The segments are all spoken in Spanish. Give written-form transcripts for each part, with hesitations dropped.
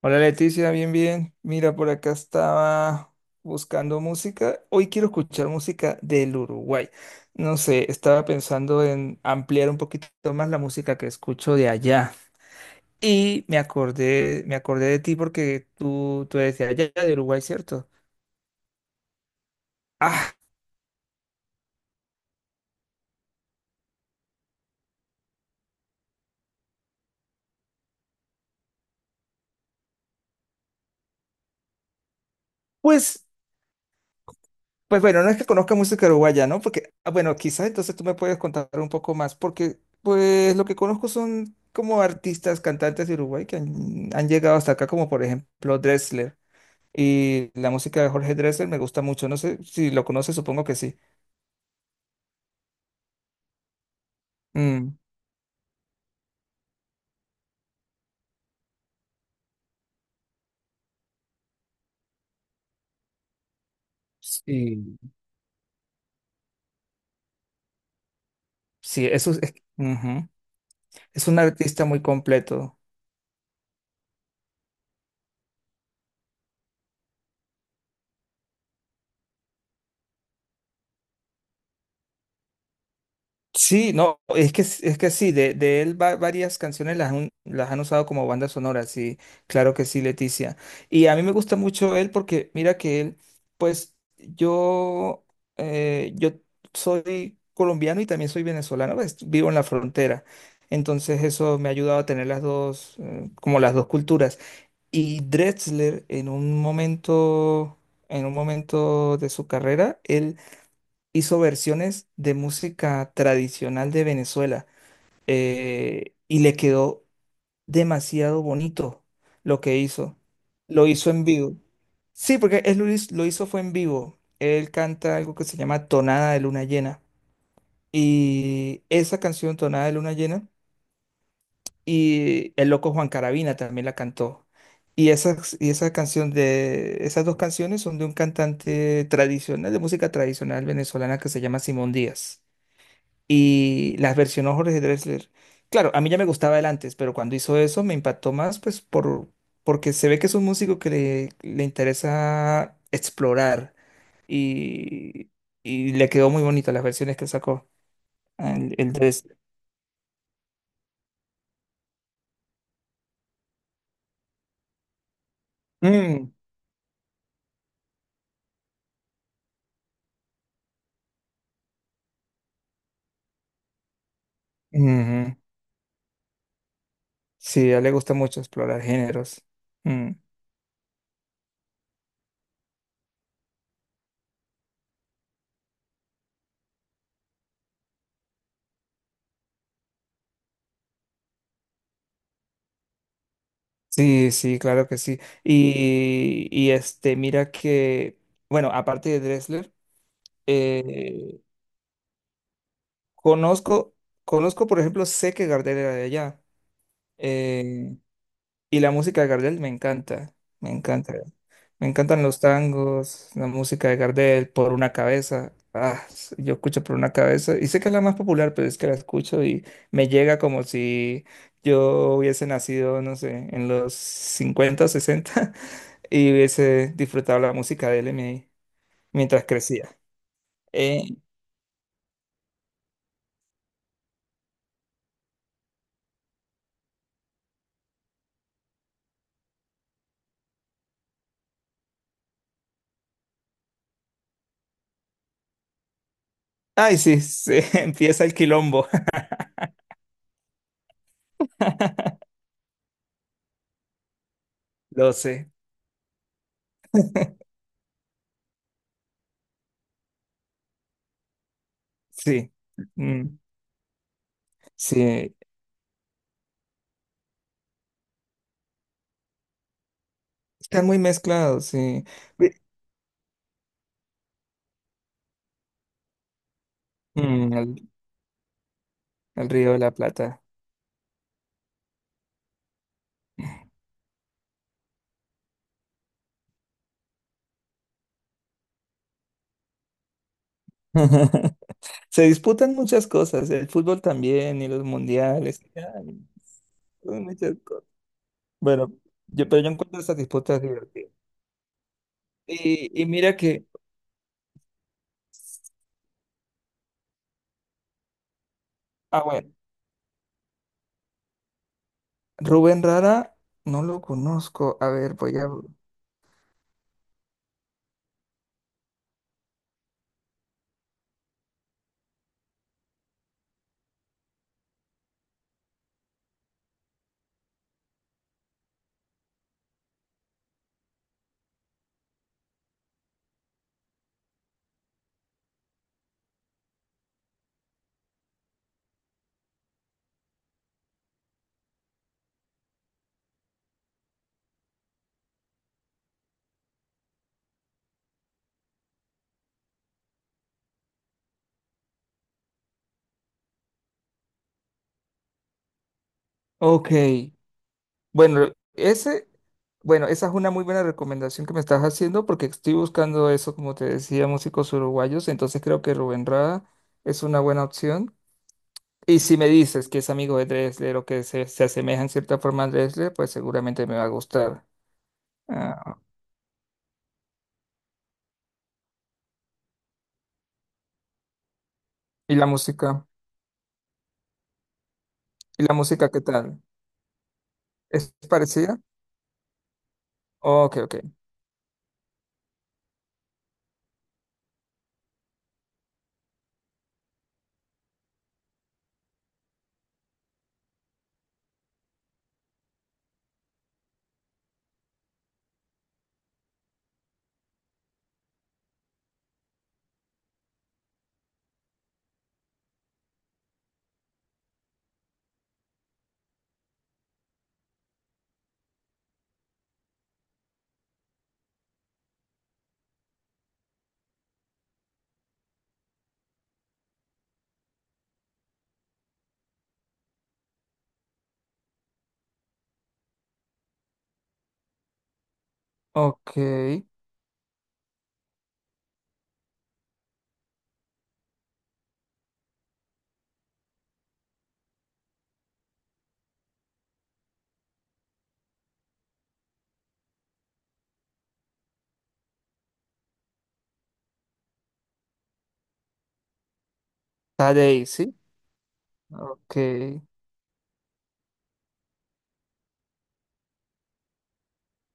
Hola Leticia, bien, bien. Mira, por acá estaba buscando música. Hoy quiero escuchar música del Uruguay. No sé, estaba pensando en ampliar un poquito más la música que escucho de allá. Y me acordé de ti porque tú eres de allá, de Uruguay, ¿cierto? Ah, pues pues bueno, no es que conozca música uruguaya, ¿no? Porque, bueno, quizás entonces tú me puedes contar un poco más, porque pues lo que conozco son como artistas, cantantes de Uruguay que han llegado hasta acá, como por ejemplo Dressler. Y la música de Jorge Dressler me gusta mucho, no sé si lo conoces, supongo que sí. Mm, sí, sí, eso es, ujú. Es un artista muy completo. Sí, no, es que sí, de él varias canciones las han usado como banda sonora, sí, claro que sí, Leticia. Y a mí me gusta mucho él porque mira que pues yo soy colombiano y también soy venezolano, pues, vivo en la frontera. Entonces eso me ha ayudado a tener las dos, como las dos culturas. Y Drexler en un momento de su carrera, él hizo versiones de música tradicional de Venezuela y le quedó demasiado bonito lo que hizo. Lo hizo en vivo. Sí, porque él lo hizo fue en vivo. Él canta algo que se llama Tonada de Luna Llena. Y esa canción, Tonada de Luna Llena, y el loco Juan Carabina también la cantó. Y esa canción de esas dos canciones son de un cantante tradicional, de música tradicional venezolana que se llama Simón Díaz, y las versionó Jorge Drexler. Claro, a mí ya me gustaba él antes, pero cuando hizo eso me impactó más, pues por, porque se ve que es un músico que le interesa explorar, y, y le quedó muy bonita las versiones que sacó el Drexler. Mm, ujú. Sí, a él le gusta mucho explorar géneros. Mm. Sí, sí, claro que sí. Y este, mira que, bueno, aparte de Drexler, eh, conozco, conozco, por ejemplo, sé que Gardel era de allá. eh, y la música de Gardel me encanta, me encanta. Me encantan los tangos, la música de Gardel, Por una cabeza. Ah, yo escucho Por una cabeza y sé que es la más popular, pero es que la escucho y me llega como si yo hubiese nacido, no sé, en los 50 o 60 y hubiese disfrutado la música de él mientras crecía. Eh, Ay, sí, sí, empieza el quilombo. Lo sé. Sí, mm, sí, están muy mezclados, sí. Ve- el, el Río de la Plata. Se disputan muchas cosas, el fútbol también y los mundiales. Ay, son muchas cosas. Bueno, pero yo encuentro estas disputas divertidas. Y mira que, ah, bueno, Rubén Rara, no lo conozco. A ver, voy a... Ok, bueno, bueno, esa es una muy buena recomendación que me estás haciendo porque estoy buscando eso, como te decía, músicos uruguayos, entonces creo que Rubén Rada es una buena opción. Y si me dices que es amigo de Dresler o que se asemeja en cierta forma a Dresler, pues seguramente me va a gustar. Ah, ¿y la música? ¿Y la música qué tal? ¿Es parecida? Ok, ok. Ok. Tadei, ¿sí? Ok.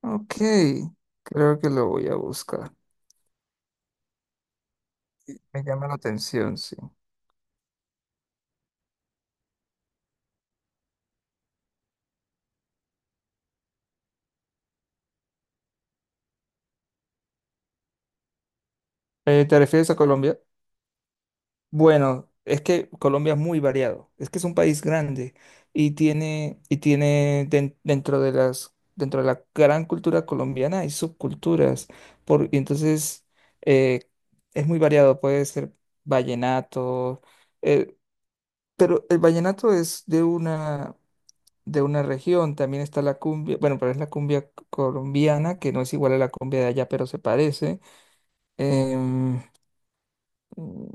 Ok. Creo que lo voy a buscar. Me llama la atención, sí. ¿Te refieres a Colombia? Bueno, es que Colombia es muy variado. Es que es un país grande y y tiene dentro de las, dentro de la gran cultura colombiana hay subculturas. Por, y entonces eh, es muy variado. Puede ser vallenato, eh, pero el vallenato es de una región. También está la cumbia, bueno, pero es la cumbia colombiana, que no es igual a la cumbia de allá, pero se parece. em, Mm,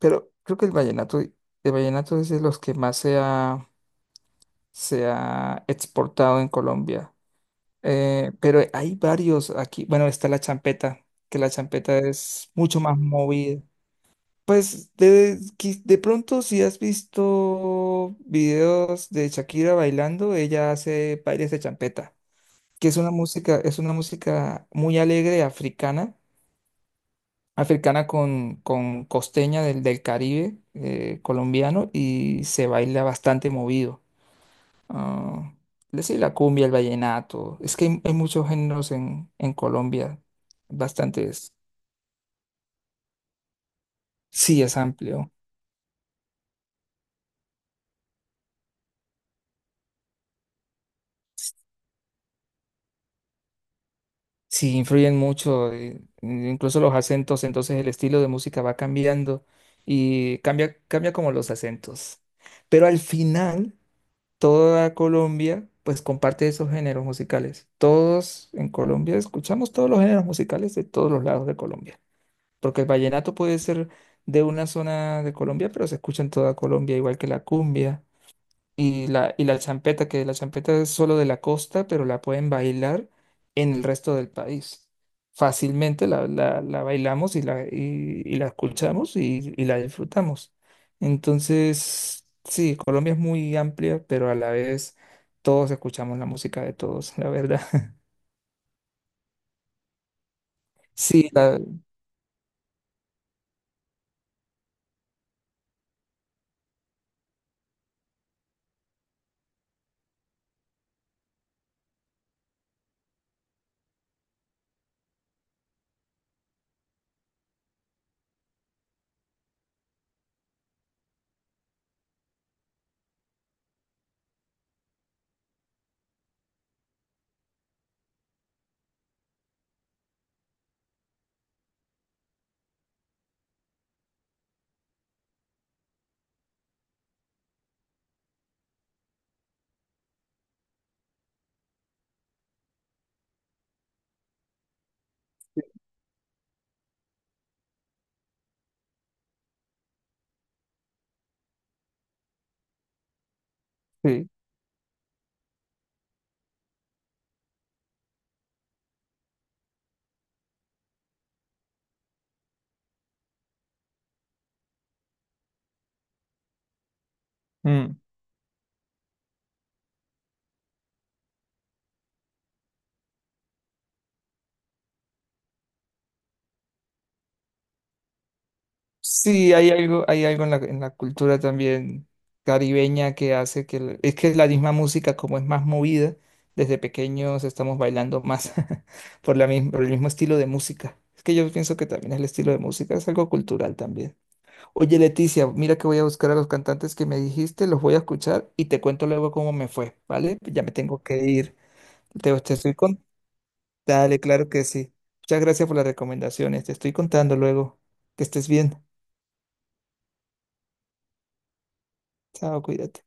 Pero creo que el vallenato es de los que más se ha exportado en Colombia. Pero hay varios aquí. Bueno, está la champeta, que la champeta es mucho más movida. Pues de, de pronto si has visto videos de Shakira bailando, ella hace bailes de champeta, que es una música muy alegre africana africana con costeña del Caribe colombiano y se baila bastante movido. Ah, es decir, la cumbia, el vallenato. Es que hay muchos géneros en Colombia, bastantes. Sí, es amplio. Sí, influyen mucho, incluso los acentos, entonces el estilo de música va cambiando y cambia, cambia como los acentos. Pero al final toda Colombia pues comparte esos géneros musicales. Todos en Colombia escuchamos todos los géneros musicales de todos los lados de Colombia, porque el vallenato puede ser de una zona de Colombia, pero se escucha en toda Colombia, igual que la cumbia y y la champeta, que la champeta es solo de la costa, pero la pueden bailar en el resto del país. Fácilmente la bailamos y y la escuchamos y la disfrutamos. Entonces, sí, Colombia es muy amplia, pero a la vez todos escuchamos la música de todos, la verdad. Sí, la, sí. Mm. Sí, hay algo en la cultura también caribeña que hace que... Es que la misma música, como es más movida, desde pequeños estamos bailando más por la por el mismo estilo de música. Es que yo pienso que también el estilo de música es algo cultural también. Oye, Leticia, mira que voy a buscar a los cantantes que me dijiste, los voy a escuchar y te cuento luego cómo me fue, ¿vale? Ya me tengo que ir. Te, te estoy con... Dale, claro que sí. Muchas gracias por las recomendaciones. Te estoy contando luego. Que estés bien. Chao, cuídate.